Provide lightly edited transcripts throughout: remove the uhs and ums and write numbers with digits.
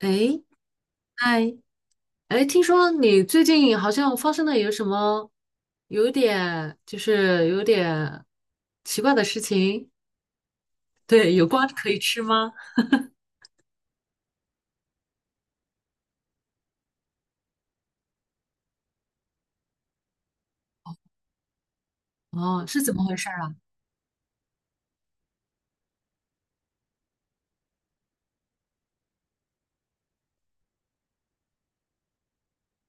哎，嗨，哎，听说你最近好像发生了有什么有一点就是有点奇怪的事情。对，有瓜可以吃吗？哦，是怎么回事儿啊？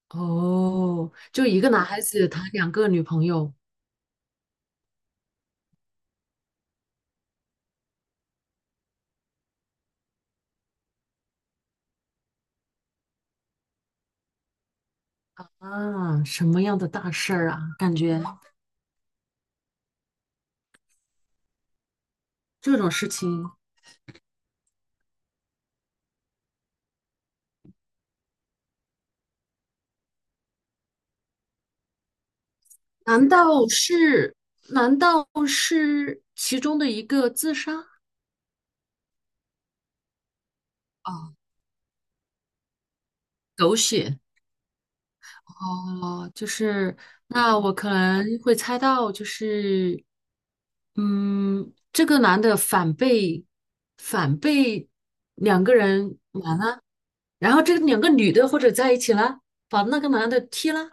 哦，就一个男孩子谈两个女朋友。啊，什么样的大事儿啊？感觉这种事情，难道是难道是其中的一个自杀？啊，狗血！哦，就是那我可能会猜到，就是这个男的反被两个人瞒了，然后这两个女的或者在一起了，把那个男的踢了。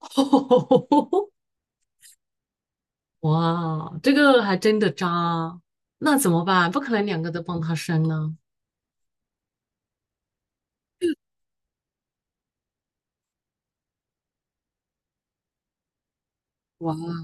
哇，这个还真的渣，那怎么办？不可能两个都帮他生呢。哇。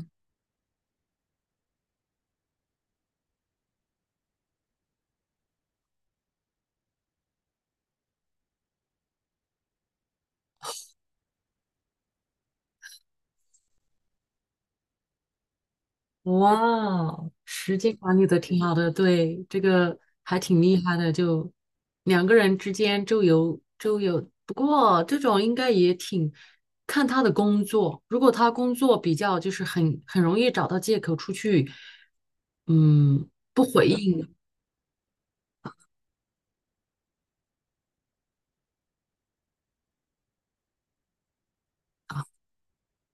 哇，时间管理的挺好的，对，这个还挺厉害的，就两个人之间周游周游，不过这种应该也挺看他的工作，如果他工作比较就是很容易找到借口出去。嗯，不回应。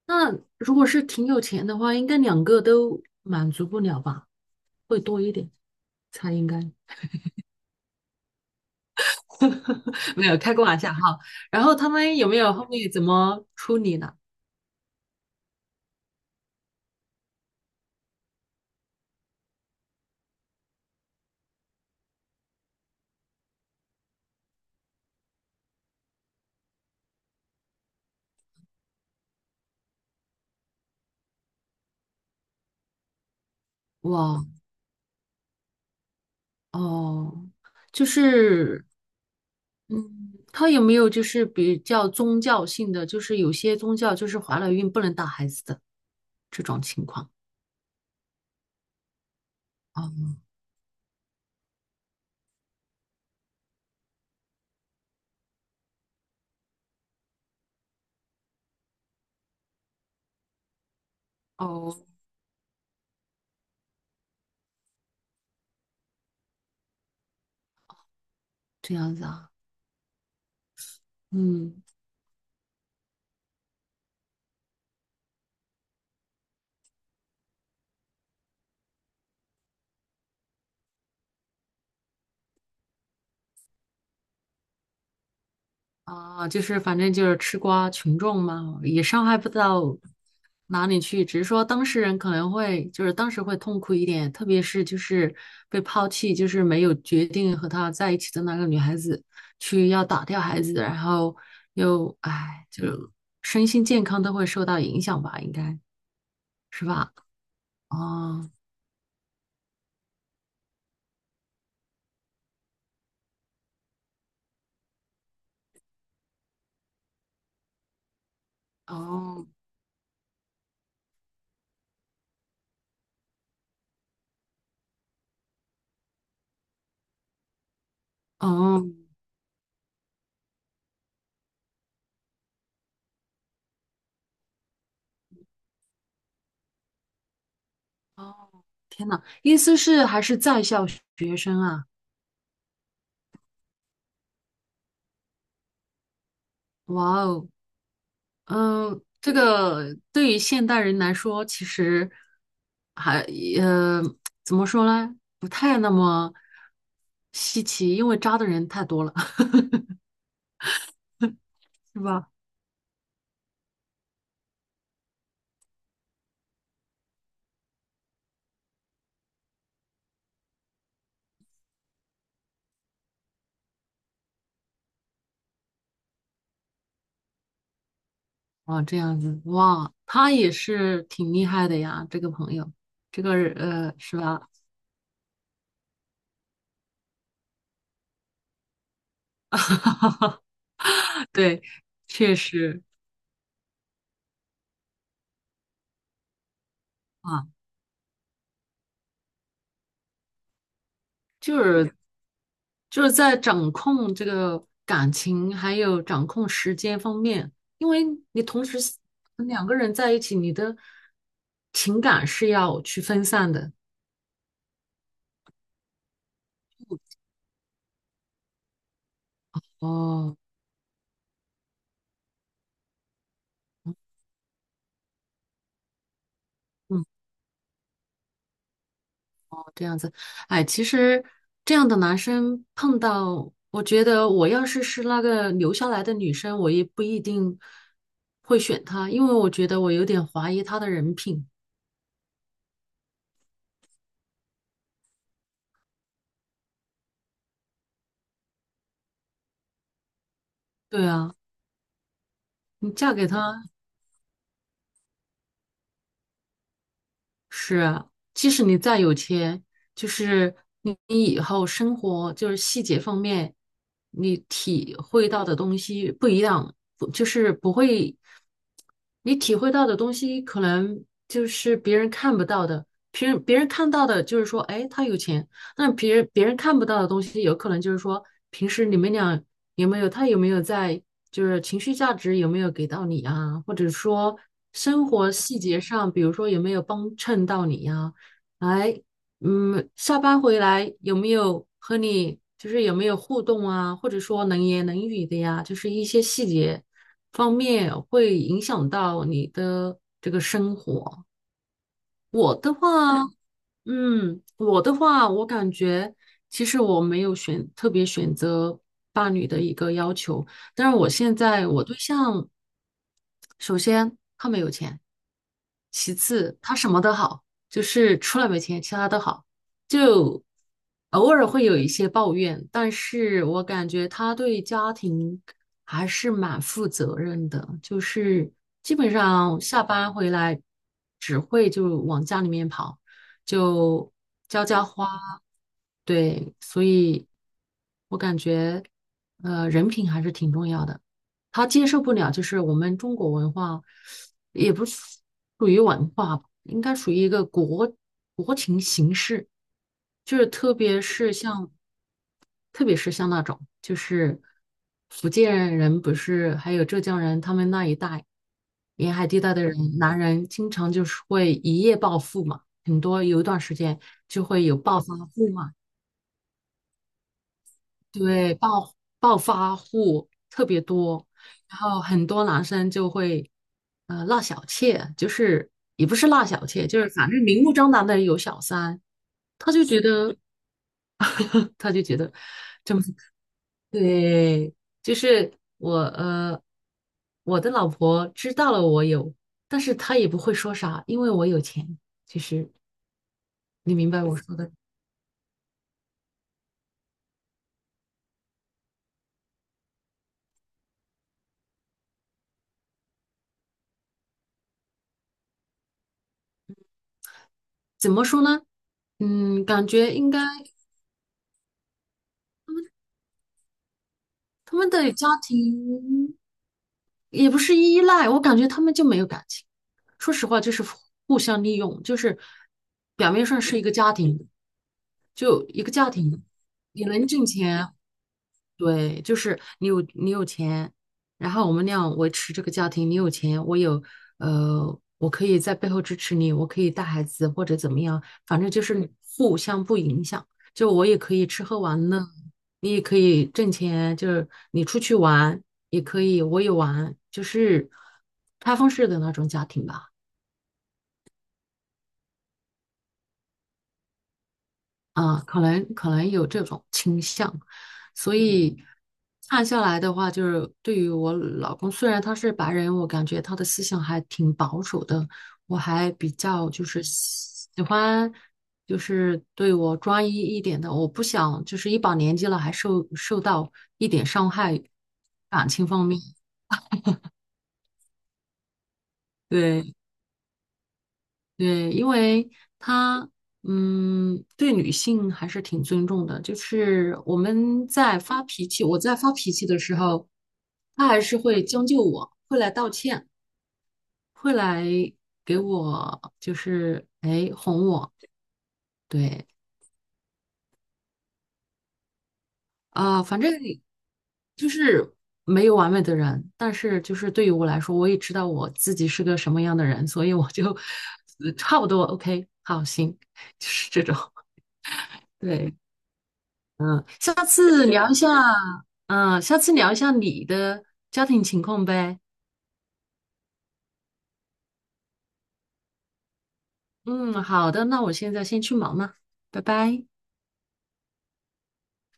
那如果是挺有钱的话，应该两个都满足不了吧，会多一点，才应该。没有开个玩笑哈。然后他们有没有后面怎么处理呢？哇哦，就是嗯，他有没有就是比较宗教性的，就是有些宗教就是怀了孕不能打孩子的这种情况？哦哦，这样子啊，嗯。啊，就是反正就是吃瓜群众嘛，也伤害不到哪里去，只是说当事人可能会就是当时会痛苦一点，特别是就是被抛弃，就是没有决定和他在一起的那个女孩子去要打掉孩子，然后又唉，就身心健康都会受到影响吧，应该是吧？哦哦哦哦，意思是还是在校学生啊？哇哦！嗯，这个对于现代人来说，其实还呃怎么说呢，不太那么稀奇，因为渣的人太多了。是吧？啊，这样子，哇，他也是挺厉害的呀，这个朋友，这个是吧？对，确实啊，就是。就是在掌控这个感情，还有掌控时间方面，因为你同时两个人在一起，你的情感是要去分散的。哦，嗯，这样子，哎，其实这样的男生碰到，我觉得我要是是那个留下来的女生，我也不一定会选他，因为我觉得我有点怀疑他的人品。对啊，你嫁给他。是啊，即使你再有钱，就是你以后生活就是细节方面，你体会到的东西不一样，不就是不会。你体会到的东西可能就是别人看不到的，别人看到的就是说，哎，他有钱，那别人看不到的东西，有可能就是说，平时你们俩有没有他有没有在，就是情绪价值有没有给到你啊，或者说生活细节上，比如说有没有帮衬到你呀、哎，嗯，下班回来有没有和你就是有没有互动啊，或者说能言能语的呀？就是一些细节方面会影响到你的这个生活。我的话，我的话，我感觉其实我没有特别选择伴侣的一个要求，但是我现在我对象，首先他没有钱，其次他什么都好，就是除了没钱，其他都好。就偶尔会有一些抱怨，但是我感觉他对家庭还是蛮负责任的，就是基本上下班回来只会就往家里面跑，就浇浇花，对，所以我感觉，人品还是挺重要的。他接受不了，就是我们中国文化，也不属于文化吧，应该属于一个国情形式，就是特别是像，那种，就是福建人不是，还有浙江人，他们那一带沿海地带的人，男人经常就是会一夜暴富嘛，很多有一段时间就会有暴发户嘛。对，暴发户特别多，然后很多男生就会，纳小妾，就是也不是纳小妾，就是反正明目张胆的有小三，他就觉得 他就觉得这么对，就是我的老婆知道了我有，但是她也不会说啥，因为我有钱，其实你明白我说的，怎么说呢？嗯，感觉应该。他们的家庭也不是依赖，我感觉他们就没有感情。说实话，就是互相利用，就是表面上是一个家庭，就一个家庭，你能挣钱，对，就是你有钱，然后我们俩维持这个家庭，你有钱，我有，我可以在背后支持你，我可以带孩子或者怎么样，反正就是互相不影响。就我也可以吃喝玩乐，你也可以挣钱，就是你出去玩也可以，我也玩，就是开放式的那种家庭吧。啊，可能有这种倾向，所以看下来的话，就是对于我老公，虽然他是白人，我感觉他的思想还挺保守的，我还比较就是喜欢，就是对我专一一点的，我不想就是一把年纪了还受到一点伤害，感情方面，对。对，因为他对女性还是挺尊重的。就是我们在发脾气，我在发脾气的时候，他还是会将就我，会来道歉，会来给我就是哎哄我。对啊，反正就是没有完美的人，但是就是对于我来说，我也知道我自己是个什么样的人，所以我就 差不多 OK，好，行，就是这种。对。嗯，下次聊一下你的家庭情况呗。嗯，好的，那我现在先去忙了，拜拜。